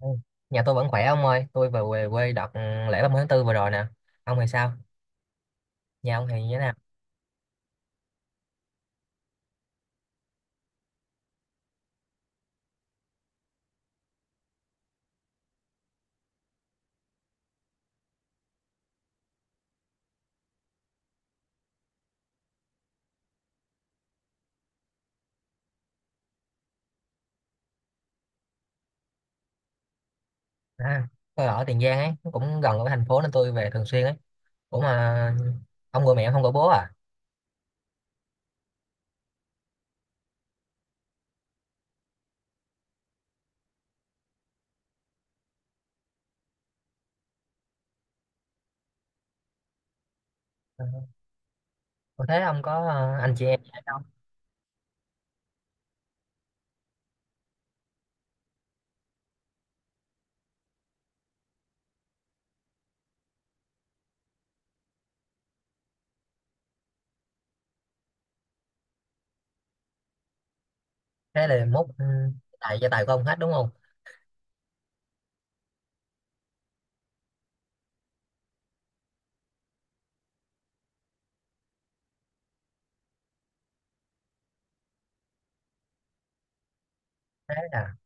Ừ. Nhà tôi vẫn khỏe ông ơi, tôi vừa về quê đợt lễ ba mươi tháng 4 vừa rồi nè. Ông thì sao? Nhà ông thì như thế nào? À, tôi ở Tiền Giang ấy, nó cũng gần ở thành phố nên tôi về thường xuyên ấy. Ủa mà ông gọi mẹ ông không gọi bố à? Ừ. Ủa thế ông có anh chị em gì hay không? Thế là mốt tại gia tài của ông hết đúng không? Thế là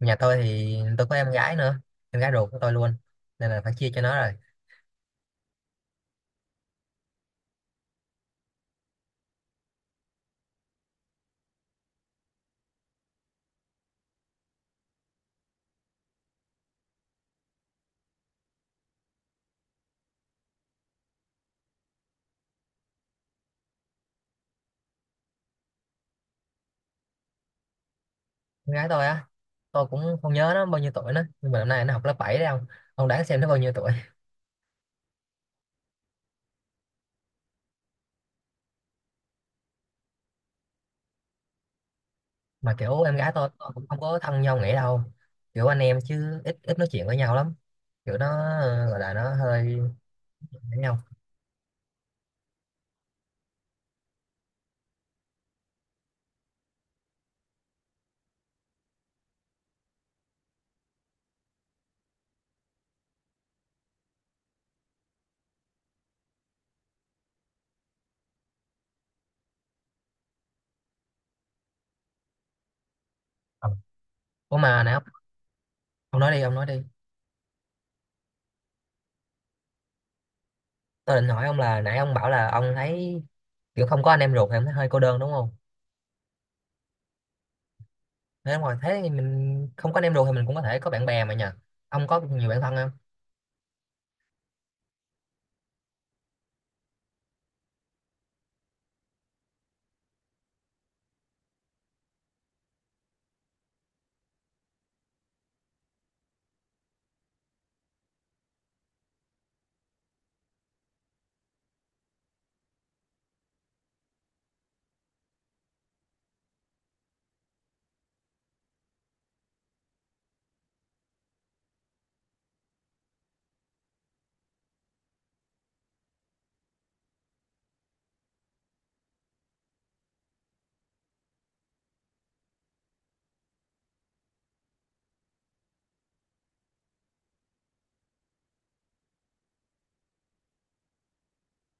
nhà tôi thì tôi có em gái nữa, em gái ruột của tôi luôn. Nên là phải chia cho nó rồi. Em gái tôi á, tôi cũng không nhớ nó bao nhiêu tuổi nữa, nhưng mà năm nay nó học lớp 7 đấy ông. Ông đoán xem nó bao nhiêu tuổi? Mà kiểu em gái tôi cũng không có thân nhau nghĩa đâu, kiểu anh em chứ ít ít nói chuyện với nhau lắm, kiểu nó gọi là nó hơi với nhau. Ờ, ủa mà ông nói đi ông nói đi. Tôi định hỏi ông là nãy ông bảo là ông thấy kiểu không có anh em ruột thì em thấy hơi cô đơn đúng không, thế ngoài thế thì mình không có anh em ruột thì mình cũng có thể có bạn bè mà nhờ, ông có nhiều bạn thân không?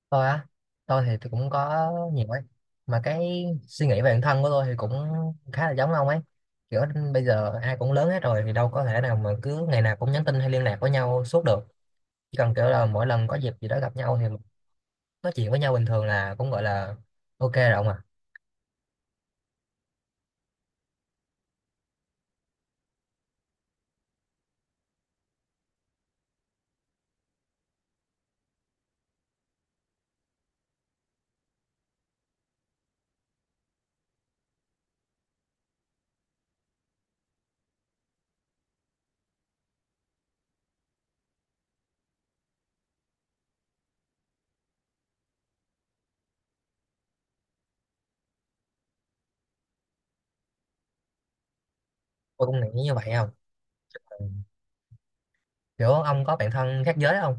Tôi á, tôi thì tôi cũng có nhiều ấy, mà cái suy nghĩ về bản thân của tôi thì cũng khá là giống ông ấy. Kiểu bây giờ ai cũng lớn hết rồi thì đâu có thể nào mà cứ ngày nào cũng nhắn tin hay liên lạc với nhau suốt được, chỉ cần kiểu là mỗi lần có dịp gì đó gặp nhau thì nói chuyện với nhau bình thường là cũng gọi là ok rồi ông à. Tôi cũng nghĩ như vậy không. Ừ. Kiểu ông có bạn thân khác giới không?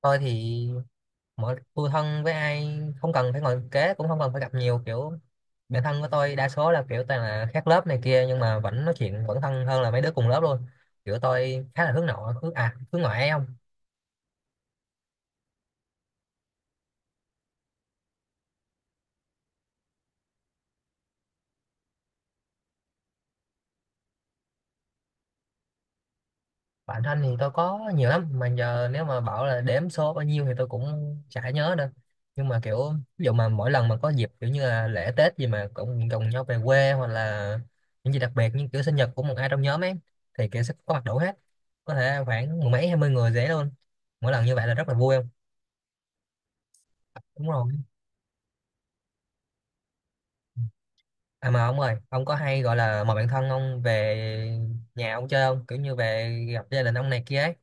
Tôi thì mọi tôi thân với ai không cần phải ngồi kế cũng không cần phải gặp nhiều, kiểu bạn thân của tôi đa số là kiểu toàn là khác lớp này kia nhưng mà vẫn nói chuyện vẫn thân hơn là mấy đứa cùng lớp luôn. Kiểu tôi khá là hướng nội hướng ngoại ấy không. Bạn thân thì tôi có nhiều lắm mà giờ nếu mà bảo là đếm số bao nhiêu thì tôi cũng chả nhớ nữa, nhưng mà kiểu ví dụ mà mỗi lần mà có dịp kiểu như là lễ Tết gì mà cũng cùng nhau về quê hoặc là những gì đặc biệt như kiểu sinh nhật của một ai trong nhóm ấy thì kiểu sẽ có mặt đủ hết, có thể khoảng mười mấy 20 người dễ luôn. Mỗi lần như vậy là rất là vui không, đúng rồi. À mà ông ơi, ông có hay gọi là mời bạn thân ông về nhà ông chơi không? Kiểu như về gặp gia đình ông này kia ấy.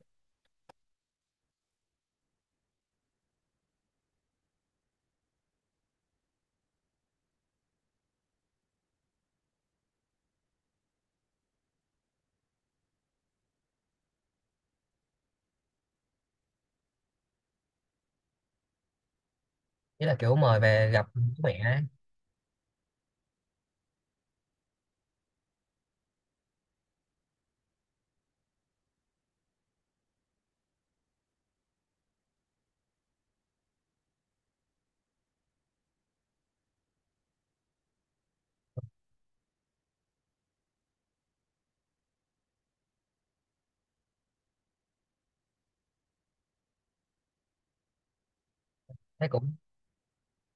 Ý là kiểu mời về gặp bố mẹ ấy. Thấy cũng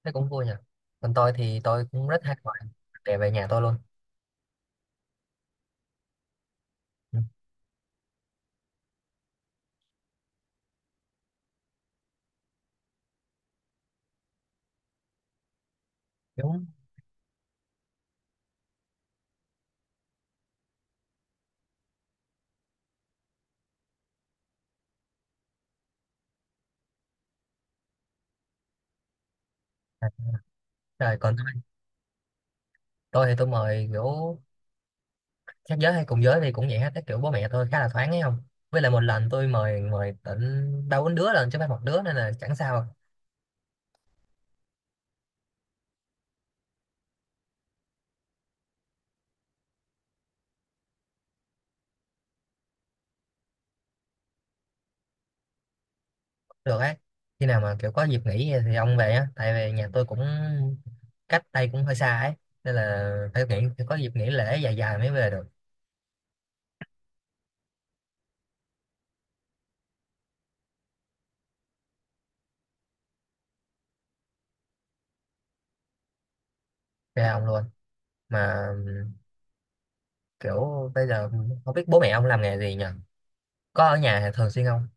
thấy cũng vui nhỉ. Còn tôi thì tôi cũng rất hay gọi để về nhà tôi luôn. Ừ, kiểu à, rồi còn tôi, thì tôi mời kiểu khác giới hay cùng giới thì cũng vậy hết. Cái kiểu bố mẹ tôi khá là thoáng ấy không? Với lại một lần tôi mời mời tận ba bốn đứa lần chứ phải một đứa nên là chẳng sao. Được ấy, khi nào mà kiểu có dịp nghỉ thì ông về á tại vì nhà tôi cũng cách đây cũng hơi xa ấy, nên là phải nghỉ phải có dịp nghỉ lễ dài dài mới về được. Về ông luôn mà kiểu bây giờ không biết bố mẹ ông làm nghề gì nhỉ, có ở nhà thường xuyên không?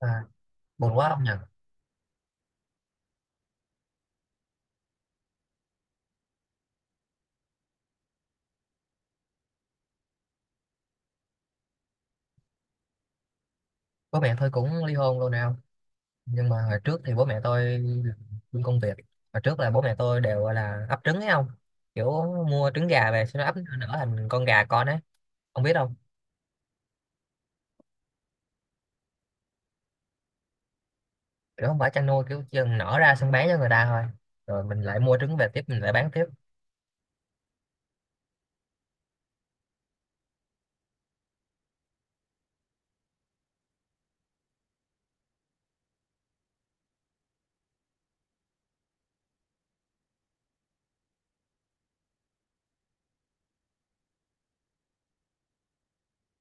À, buồn quá ông nhỉ. Bố mẹ tôi cũng ly hôn luôn nào, nhưng mà hồi trước thì bố mẹ tôi làm công việc, hồi trước là bố mẹ tôi đều gọi là ấp trứng ấy không, kiểu mua trứng gà về sau đó ấp nở thành con gà con ấy ông biết không. Kiểu không phải chăn nuôi, kiểu chừng nở ra xong bán cho người ta thôi rồi mình lại mua trứng về tiếp, mình lại bán tiếp.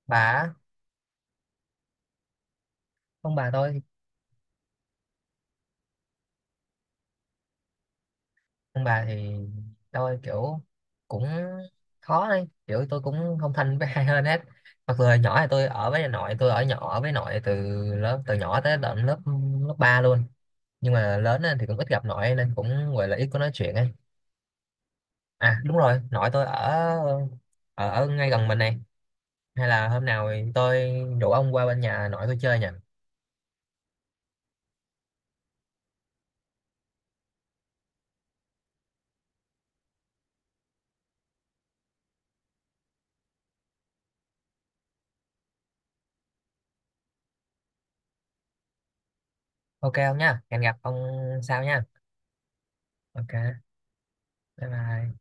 Bà á, ông bà tôi, ông bà thì tôi kiểu cũng khó đấy, kiểu tôi cũng không thân với ai hơn hết. Mặc dù hồi nhỏ thì tôi ở với nội tôi, ở nhỏ ở với nội từ lớp từ nhỏ tới tận lớp lớp 3 luôn, nhưng mà lớn lên thì cũng ít gặp nội nên cũng gọi là ít có nói chuyện ấy. À đúng rồi, nội tôi ở ở, ở ngay gần mình này, hay là hôm nào thì tôi rủ ông qua bên nhà nội tôi chơi nhỉ. Ok không nhá, hẹn gặp ông sau nhá. Ok bye bye.